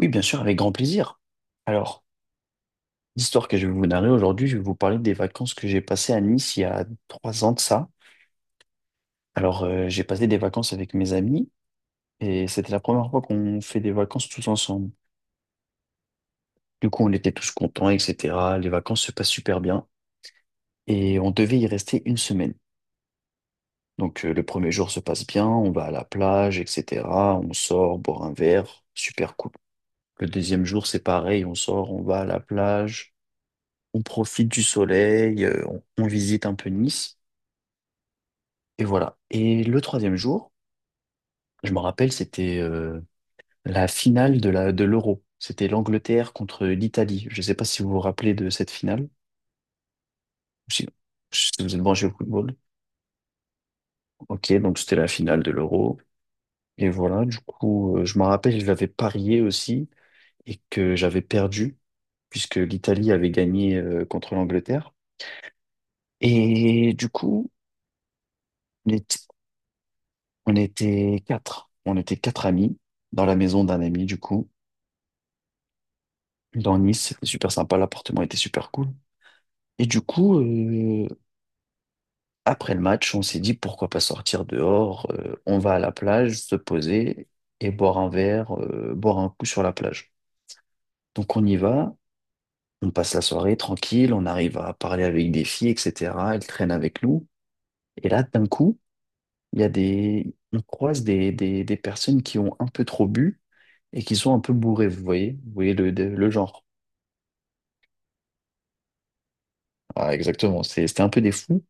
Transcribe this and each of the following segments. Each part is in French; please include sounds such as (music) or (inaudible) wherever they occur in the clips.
Oui, bien sûr, avec grand plaisir. Alors, l'histoire que je vais vous narrer aujourd'hui, je vais vous parler des vacances que j'ai passées à Nice il y a 3 ans de ça. Alors, j'ai passé des vacances avec mes amis et c'était la première fois qu'on fait des vacances tous ensemble. Du coup, on était tous contents, etc. Les vacances se passent super bien et on devait y rester une semaine. Donc, le premier jour se passe bien, on va à la plage, etc. On sort, boire un verre, super cool. Le deuxième jour, c'est pareil, on sort, on va à la plage. On profite du soleil, on visite un peu Nice, et voilà. Et le troisième jour, je me rappelle, c'était la finale de l'Euro. C'était l'Angleterre contre l'Italie. Je ne sais pas si vous vous rappelez de cette finale, si, si vous êtes branché au football. Ok, donc c'était la finale de l'Euro. Et voilà, du coup, je me rappelle, je l'avais parié aussi, et que j'avais perdu, puisque l'Italie avait gagné contre l'Angleterre. Et du coup, les on était quatre. On était quatre amis dans la maison d'un ami, du coup, dans Nice. C'était super sympa. L'appartement était super cool. Et du coup, après le match, on s'est dit pourquoi pas sortir dehors. On va à la plage, se poser et boire un verre, boire un coup sur la plage. Donc on y va. On passe la soirée tranquille. On arrive à parler avec des filles, etc. Elles traînent avec nous. Et là, d'un coup, il y a des, on croise des personnes qui ont un peu trop bu et qui sont un peu bourrés, vous voyez le genre. Ah, exactement, c'était un peu des fous.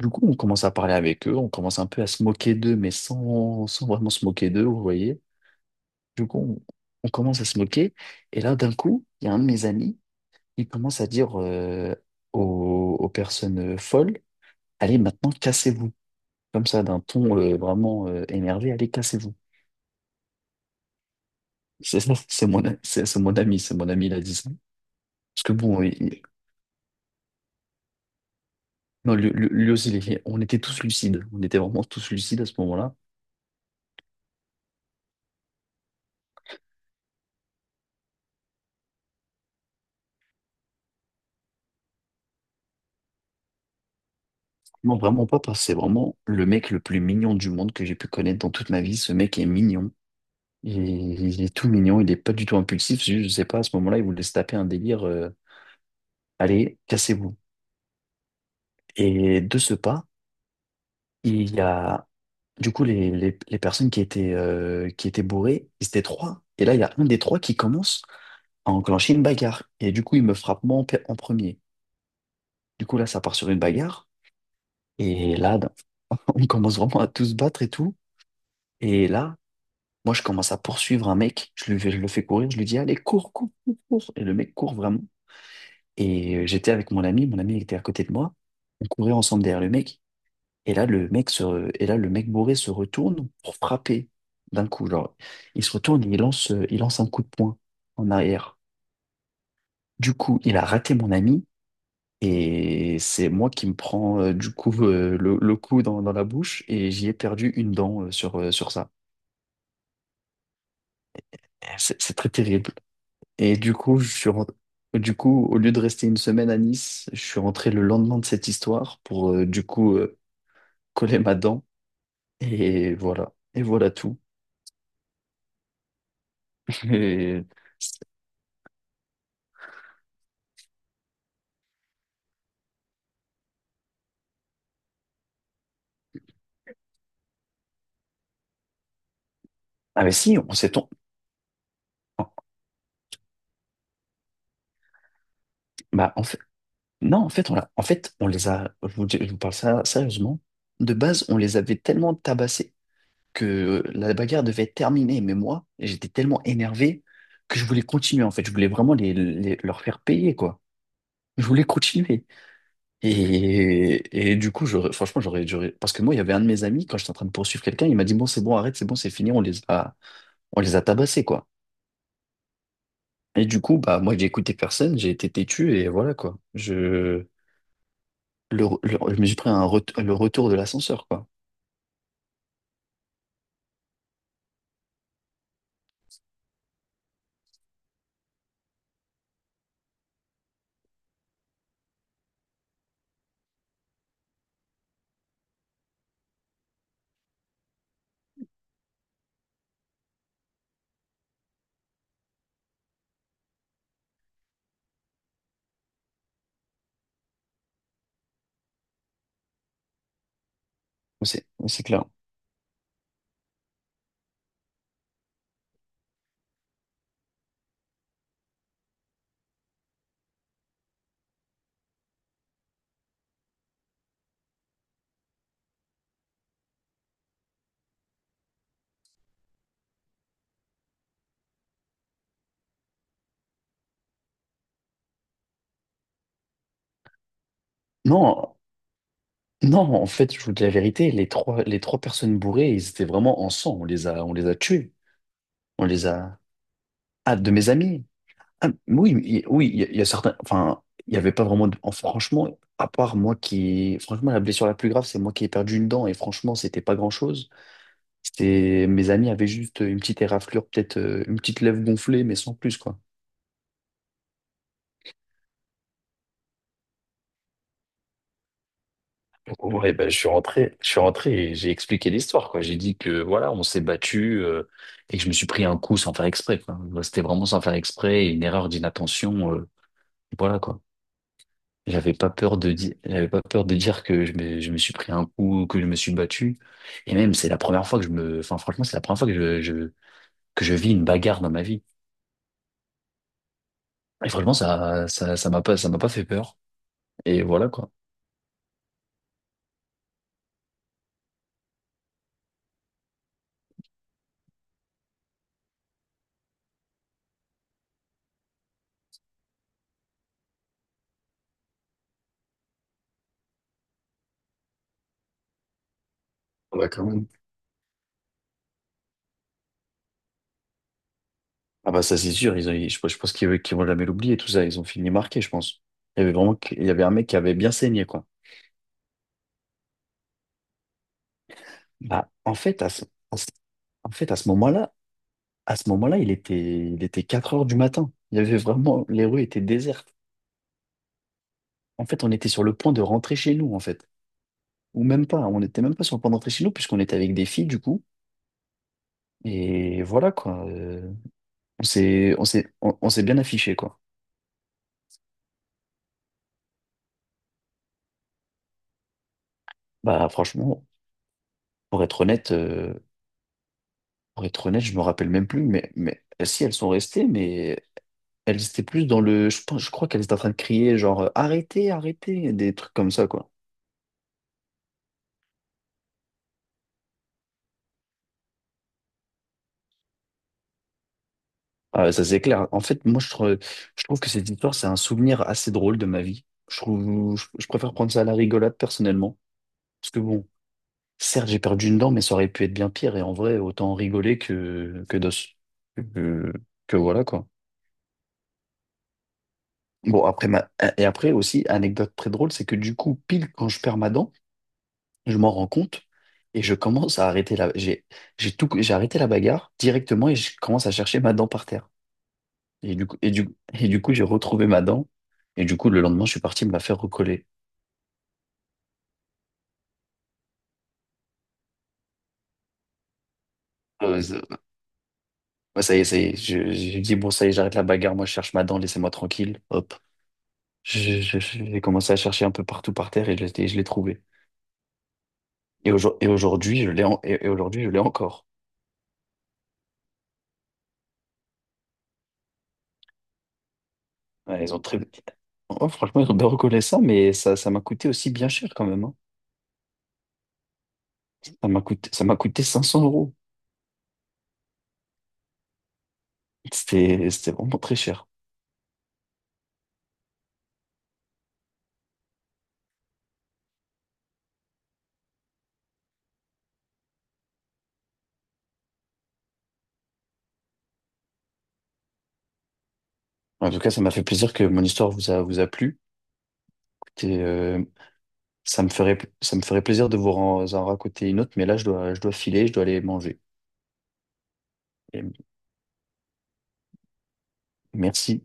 Du coup, on commence à parler avec eux, on commence un peu à se moquer d'eux, mais sans vraiment se moquer d'eux, vous voyez. Du coup, on commence à se moquer, et là, d'un coup, il y a un de mes amis, il commence à dire aux personnes folles, allez, maintenant, cassez-vous. Comme ça, d'un ton vraiment énervé, allez, cassez-vous. C'est ça, c'est mon ami, c'est mon ami, il a dit ça. Parce que bon, non, lui, lui aussi, on était tous lucides. On était vraiment tous lucides à ce moment-là. Non, vraiment pas, parce que c'est vraiment le mec le plus mignon du monde que j'ai pu connaître dans toute ma vie. Ce mec est mignon. Il est tout mignon, il n'est pas du tout impulsif. Je ne sais pas, à ce moment-là, il voulait se taper un délire. Allez, cassez-vous. Et de ce pas, il y a du coup les personnes qui étaient bourrées, ils étaient trois. Et là, il y a un des trois qui commence à enclencher une bagarre. Et du coup, il me frappe moi en premier. Du coup, là, ça part sur une bagarre. Et là, (laughs) on commence vraiment à tous se battre et tout. Et là, moi, je commence à poursuivre un mec. Je le fais courir. Je lui dis, allez, cours, cours, cours, cours. Et le mec court vraiment. Et j'étais avec mon ami. Mon ami il était à côté de moi. On courait ensemble derrière le mec. Et là, le mec bourré se retourne pour frapper d'un coup. Genre, il se retourne et il lance un coup de poing en arrière. Du coup, il a raté mon ami. Et c'est moi qui me prends du coup le coup dans la bouche et j'y ai perdu une dent sur ça. C'est très terrible. Et du coup, au lieu de rester une semaine à Nice, je suis rentré le lendemain de cette histoire pour du coup coller ma dent. Et voilà. Et voilà tout. (laughs) Et- Ah mais si, on s'est. Bah, en fait. Non, en fait, en fait, on les a. Je vous parle ça sérieusement. De base, on les avait tellement tabassés que la bagarre devait être terminée. Mais moi, j'étais tellement énervé que je voulais continuer, en fait. Je voulais vraiment leur faire payer, quoi. Je voulais continuer. Et du coup, parce que moi, il y avait un de mes amis, quand j'étais en train de poursuivre quelqu'un, il m'a dit, bon, c'est bon, arrête, c'est bon, c'est fini, on les a tabassés, quoi. Et du coup, bah, moi, j'ai écouté personne, j'ai été têtu, et voilà, quoi. Je me suis pris le retour de l'ascenseur, quoi. C'est clair. Non, Non, en fait, je vous dis la vérité, les trois personnes bourrées, ils étaient vraiment en sang. On les a tués. On les a. Ah, de mes amis. Ah, oui, oui, il y a certains. Enfin, il n'y avait pas vraiment. De. Franchement, à part moi qui. Franchement, la blessure la plus grave, c'est moi qui ai perdu une dent. Et franchement, c'était pas grand-chose. C'était. Mes amis avaient juste une petite éraflure, peut-être une petite lèvre gonflée, mais sans plus, quoi. Ouais, ben, je suis rentré et j'ai expliqué l'histoire, quoi. J'ai dit que voilà, on s'est battu et que je me suis pris un coup sans faire exprès, quoi. Moi, c'était vraiment sans faire exprès, et une erreur d'inattention, voilà, quoi. J'avais pas peur de dire que je me suis pris un coup, que je me suis battu. Et même, c'est la première fois que je me, enfin, franchement, c'est la première fois que que je vis une bagarre dans ma vie. Et franchement, ça m'a pas fait peur. Et voilà, quoi. Ah bah, quand même. Ah bah ça c'est sûr, je pense qu'ils vont jamais l'oublier tout ça, ils ont fini marqué, je pense. Il y avait vraiment, il y avait un mec qui avait bien saigné quoi. Bah, en fait à ce- en fait à ce moment-là, il était 4 heures du matin. Il y avait vraiment les rues étaient désertes. En fait, on était sur le point de rentrer chez nous en fait, ou même pas, on n'était même pas sur le point de rentrer chez nous puisqu'on était avec des filles du coup. Et voilà quoi. On s'est bien affiché quoi. Bah franchement, pour être honnête. Pour être honnête, je me rappelle même plus, mais, si elles sont restées, mais elles étaient plus dans le. Je pense, je crois qu'elles étaient en train de crier, genre arrêtez, arrêtez, des trucs comme ça, quoi. Ah, ouais, ça c'est clair. En fait, moi, je trouve que cette histoire, c'est un souvenir assez drôle de ma vie. Je préfère prendre ça à la rigolade personnellement. Parce que bon, certes, j'ai perdu une dent, mais ça aurait pu être bien pire. Et en vrai, autant rigoler que d'os. Que que voilà, quoi. Bon, après, ma. Et après aussi, anecdote très drôle, c'est que du coup, pile quand je perds ma dent, je m'en rends compte et je commence à arrêter la. J'ai arrêté la bagarre directement et je commence à chercher ma dent par terre. Et du coup, j'ai retrouvé ma dent. Et du coup, le lendemain, je suis parti me la faire recoller. Ça ouais, ça y est. J'ai dit, bon, ça y est, j'arrête la bagarre. Moi, je cherche ma dent, laissez-moi tranquille. Hop. J'ai commencé à chercher un peu partout par terre et je l'ai trouvé. Et aujourd'hui, je l'ai encore. Ouais, ils ont très. Oh, franchement, ils ont bien recollé ça, mais ça m'a coûté aussi bien cher quand même. Hein. Ça m'a coûté 500 euros. C'était vraiment très cher. En tout cas, ça m'a fait plaisir que mon histoire vous a plu. Écoutez, ça me ferait plaisir de vous en, en raconter une autre, mais là, je dois filer, je dois aller manger. Et merci.